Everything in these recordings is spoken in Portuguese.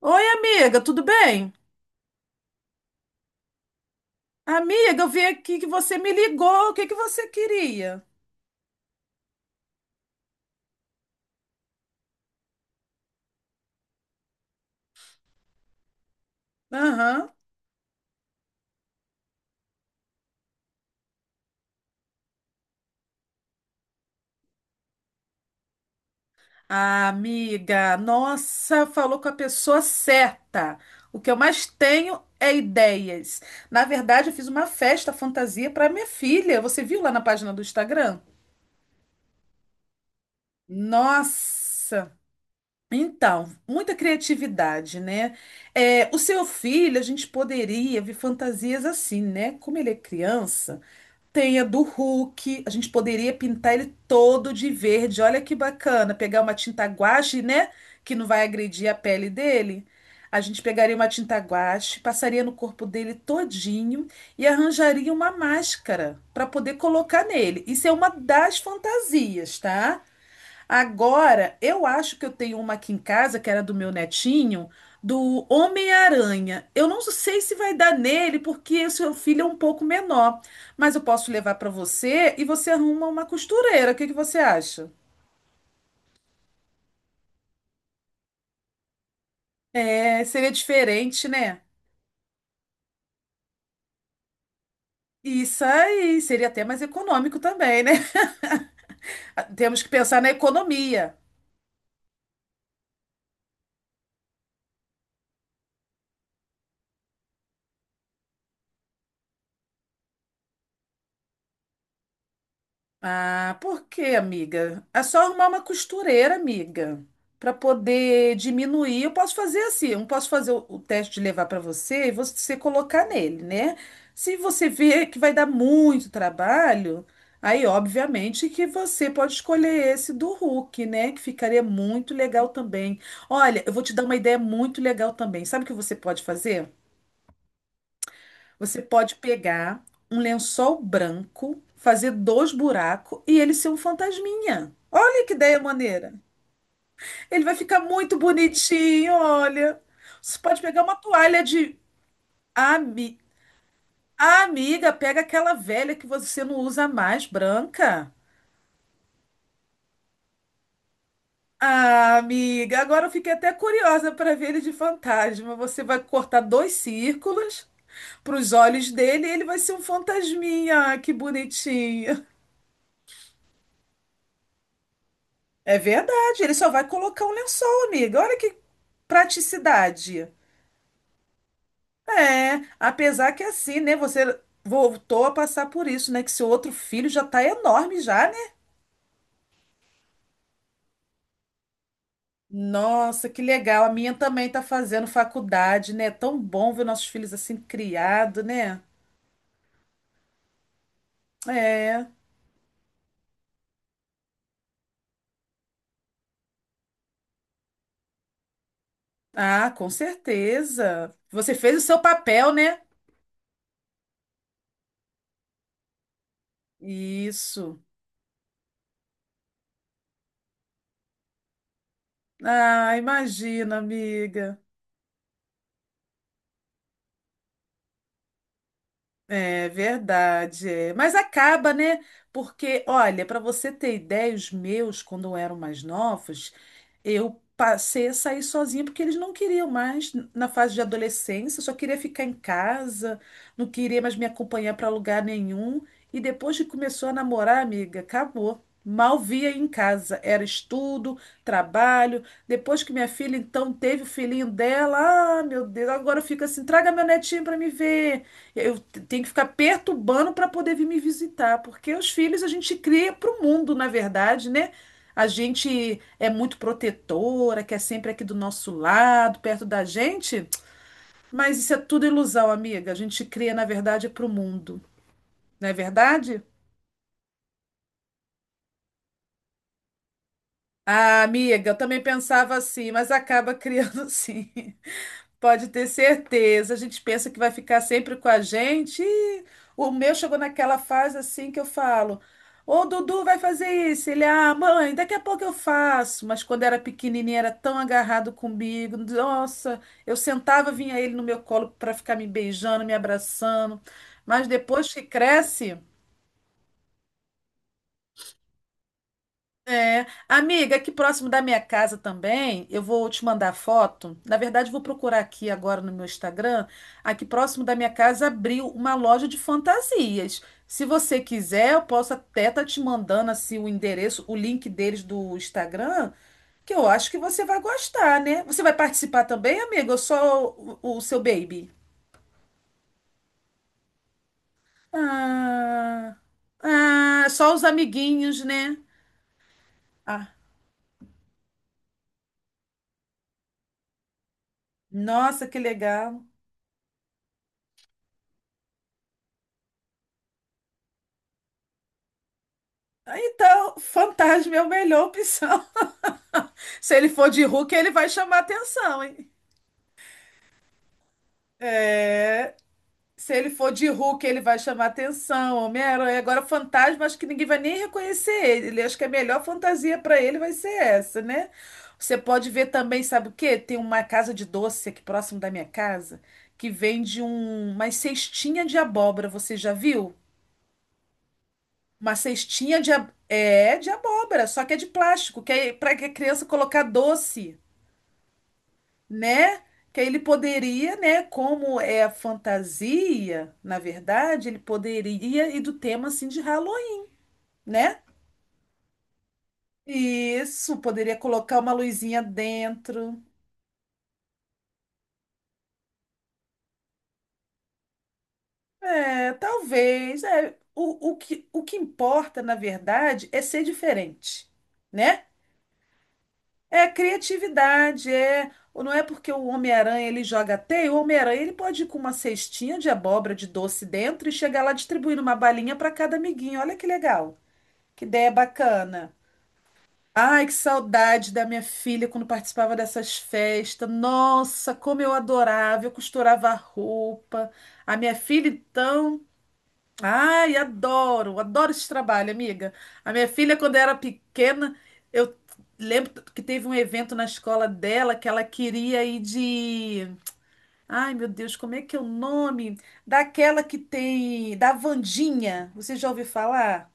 Oi, amiga, tudo bem? Amiga, eu vi aqui que você me ligou. O que que você queria? Aham. Ah, amiga, nossa, falou com a pessoa certa. O que eu mais tenho é ideias. Na verdade, eu fiz uma festa fantasia para minha filha. Você viu lá na página do Instagram? Nossa! Então, muita criatividade, né? É, o seu filho, a gente poderia ver fantasias assim, né? Como ele é criança. Tem a do Hulk. A gente poderia pintar ele todo de verde. Olha que bacana. Pegar uma tinta guache, né? Que não vai agredir a pele dele. A gente pegaria uma tinta guache, passaria no corpo dele todinho e arranjaria uma máscara para poder colocar nele. Isso é uma das fantasias, tá? Agora, eu acho que eu tenho uma aqui em casa, que era do meu netinho, do Homem-Aranha. Eu não sei se vai dar nele, porque o seu filho é um pouco menor. Mas eu posso levar para você e você arruma uma costureira. O que que você acha? É, seria diferente, né? Isso aí, seria até mais econômico também, né? Temos que pensar na economia. Ah, por quê, amiga? É só arrumar uma costureira, amiga, para poder diminuir. Eu posso fazer assim, eu posso fazer o teste de levar para você e você colocar nele, né? Se você vê que vai dar muito trabalho, aí obviamente que você pode escolher esse do Hulk, né? Que ficaria muito legal também. Olha, eu vou te dar uma ideia muito legal também. Sabe o que você pode fazer? Você pode pegar um lençol branco, fazer dois buracos e ele ser um fantasminha. Olha que ideia maneira. Ele vai ficar muito bonitinho, olha. Você pode pegar uma toalha de ami... Ah, amiga, pega aquela velha que você não usa mais, branca. Ah, amiga, agora eu fiquei até curiosa para ver ele de fantasma. Você vai cortar dois círculos para os olhos dele e ele vai ser um fantasminha. Ah, que bonitinho. É verdade, ele só vai colocar um lençol, amiga. Olha que praticidade. É, apesar que é assim, né? Você voltou a passar por isso, né? Que seu outro filho já tá enorme já, né? Nossa, que legal. A minha também tá fazendo faculdade, né? É tão bom ver nossos filhos assim criados, né? É. Ah, com certeza. Você fez o seu papel, né? Isso. Ah, imagina, amiga. É verdade. É. Mas acaba, né? Porque, olha, para você ter ideia, os meus, quando eu eram mais novos, eu passei a sair sozinha porque eles não queriam mais na fase de adolescência, só queria ficar em casa, não queria mais me acompanhar para lugar nenhum. E depois que começou a namorar, amiga, acabou. Mal via em casa. Era estudo, trabalho. Depois que minha filha, então, teve o filhinho dela, ah, meu Deus, agora fica assim: traga meu netinho para me ver. Tenho que ficar perturbando para poder vir me visitar, porque os filhos a gente cria para o mundo, na verdade, né? A gente é muito protetora, quer sempre aqui do nosso lado, perto da gente, mas isso é tudo ilusão, amiga. A gente cria, na verdade, para o mundo, não é verdade? Ah, amiga, eu também pensava assim, mas acaba criando sim. Pode ter certeza. A gente pensa que vai ficar sempre com a gente. E o meu chegou naquela fase assim que eu falo: Ô Dudu vai fazer isso. Ele, ah, mãe, daqui a pouco eu faço. Mas quando era pequenininho, era tão agarrado comigo. Nossa, eu sentava, vinha ele no meu colo para ficar me beijando, me abraçando. Mas depois que cresce. É, amiga, aqui próximo da minha casa também, eu vou te mandar foto. Na verdade, eu vou procurar aqui agora no meu Instagram. Aqui próximo da minha casa abriu uma loja de fantasias. Se você quiser, eu posso até estar te mandando assim o endereço, o link deles do Instagram, que eu acho que você vai gostar, né? Você vai participar também, amiga? Ou só o seu baby? Ah, ah, só os amiguinhos, né? Ah, nossa, que legal. Então, fantasma é a melhor opção. Se ele for de Hulk, ele vai chamar atenção, hein? É, se ele for de Hulk, ele vai chamar atenção, Homem-Aranha. Agora, fantasma, acho que ninguém vai nem reconhecer ele. Ele- Acho que a melhor fantasia para ele vai ser essa, né? Você pode ver também, sabe o quê? Tem uma casa de doce aqui próximo da minha casa que vende um, umas cestinha de abóbora. Você já viu? Uma cestinha de, é, de abóbora, só que é de plástico, que é para a criança colocar doce, né? Que aí ele poderia, né? Como é a fantasia, na verdade, ele poderia ir do tema assim de Halloween, né? Isso, poderia colocar uma luzinha dentro. É, talvez. É. O, o que importa, na verdade, é ser diferente, né? É criatividade, é. Ou não é porque o Homem-Aranha ele joga teia, o Homem-Aranha ele pode ir com uma cestinha de abóbora de doce dentro e chegar lá distribuindo uma balinha para cada amiguinho. Olha que legal, que ideia bacana. Ai, que saudade da minha filha quando participava dessas festas. Nossa, como eu adorava, eu costurava roupa. A minha filha, então. Ai, adoro, adoro esse trabalho, amiga. A minha filha, quando era pequena, eu lembro que teve um evento na escola dela que ela queria ir de. Ai, meu Deus, como é que é o nome? Daquela que tem. Da Wandinha. Você já ouviu falar?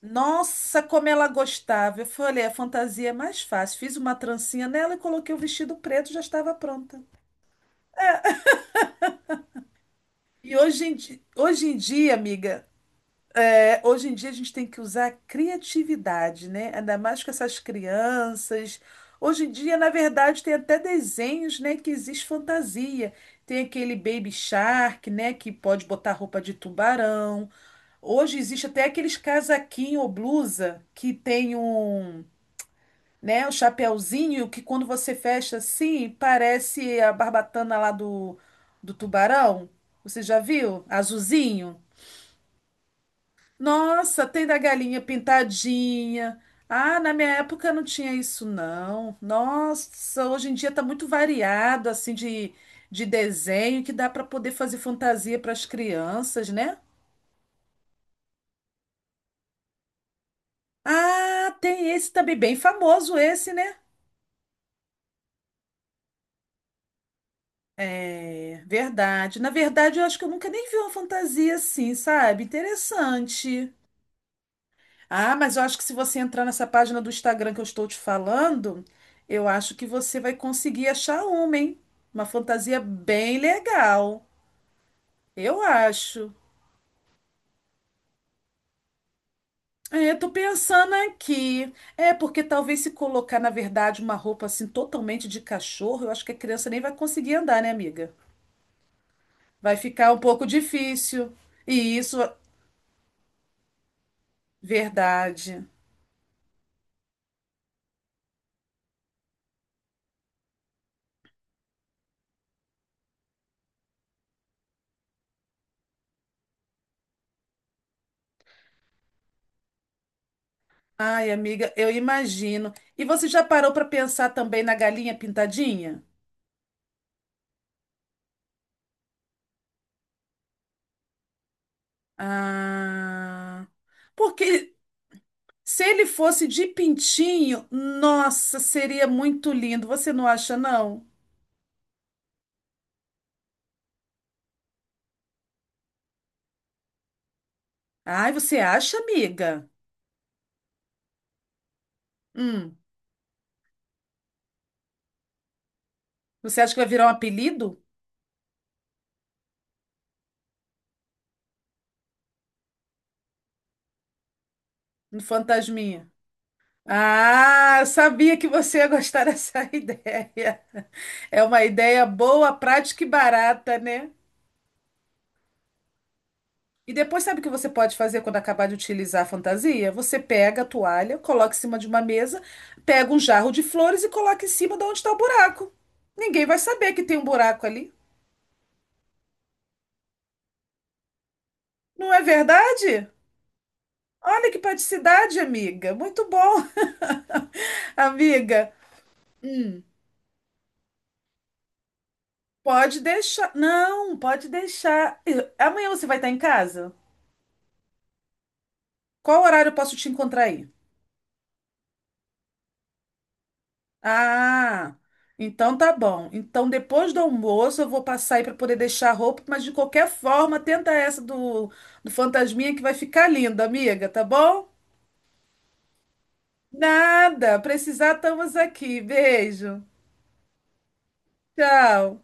Nossa, como ela gostava. Eu falei, a fantasia é mais fácil. Fiz uma trancinha nela e coloquei o vestido preto, já estava pronta. E hoje em dia, amiga. Hoje em dia a gente tem que usar a criatividade, né? Ainda mais com essas crianças. Hoje em dia, na verdade, tem até desenhos, né, que existe fantasia. Tem aquele Baby Shark, né, que pode botar roupa de tubarão. Hoje existe até aqueles casaquinho ou blusa que tem um, né, um chapéuzinho que quando você fecha assim, parece a barbatana lá do, do tubarão. Você já viu? Azulzinho. Nossa, tem da galinha pintadinha. Ah, na minha época não tinha isso, não. Nossa, hoje em dia tá muito variado, assim, de desenho que dá para poder fazer fantasia para as crianças, né? Ah, tem esse também, bem famoso esse, né? É, verdade. Na verdade, eu acho que eu nunca nem vi uma fantasia assim, sabe? Interessante. Ah, mas eu acho que se você entrar nessa página do Instagram que eu estou te falando, eu acho que você vai conseguir achar uma, hein? Uma fantasia bem legal. Eu acho. É, eu tô pensando aqui. É, porque talvez se colocar, na verdade, uma roupa assim totalmente de cachorro, eu acho que a criança nem vai conseguir andar, né, amiga? Vai ficar um pouco difícil. E isso, verdade. Ai, amiga, eu imagino. E você já parou para pensar também na galinha pintadinha? Ah, porque se ele fosse de pintinho, nossa, seria muito lindo. Você não acha, não? Ai, você acha, amiga? Hum, você acha que vai virar um apelido? Um fantasminha? Ah, eu sabia que você ia gostar dessa ideia. É uma ideia boa, prática e barata, né? E depois, sabe o que você pode fazer quando acabar de utilizar a fantasia? Você pega a toalha, coloca em cima de uma mesa, pega um jarro de flores e coloca em cima de onde está o buraco. Ninguém vai saber que tem um buraco ali. Não é verdade? Olha que praticidade, amiga. Muito bom, amiga. Hum, pode deixar. Não, pode deixar. Eu- Amanhã você vai estar em casa? Qual horário eu posso te encontrar aí? Ah, então tá bom. Então depois do almoço eu vou passar aí para poder deixar a roupa, mas de qualquer forma, tenta essa do, do fantasminha que vai ficar linda, amiga, tá bom? Nada, precisar estamos aqui. Beijo. Tchau.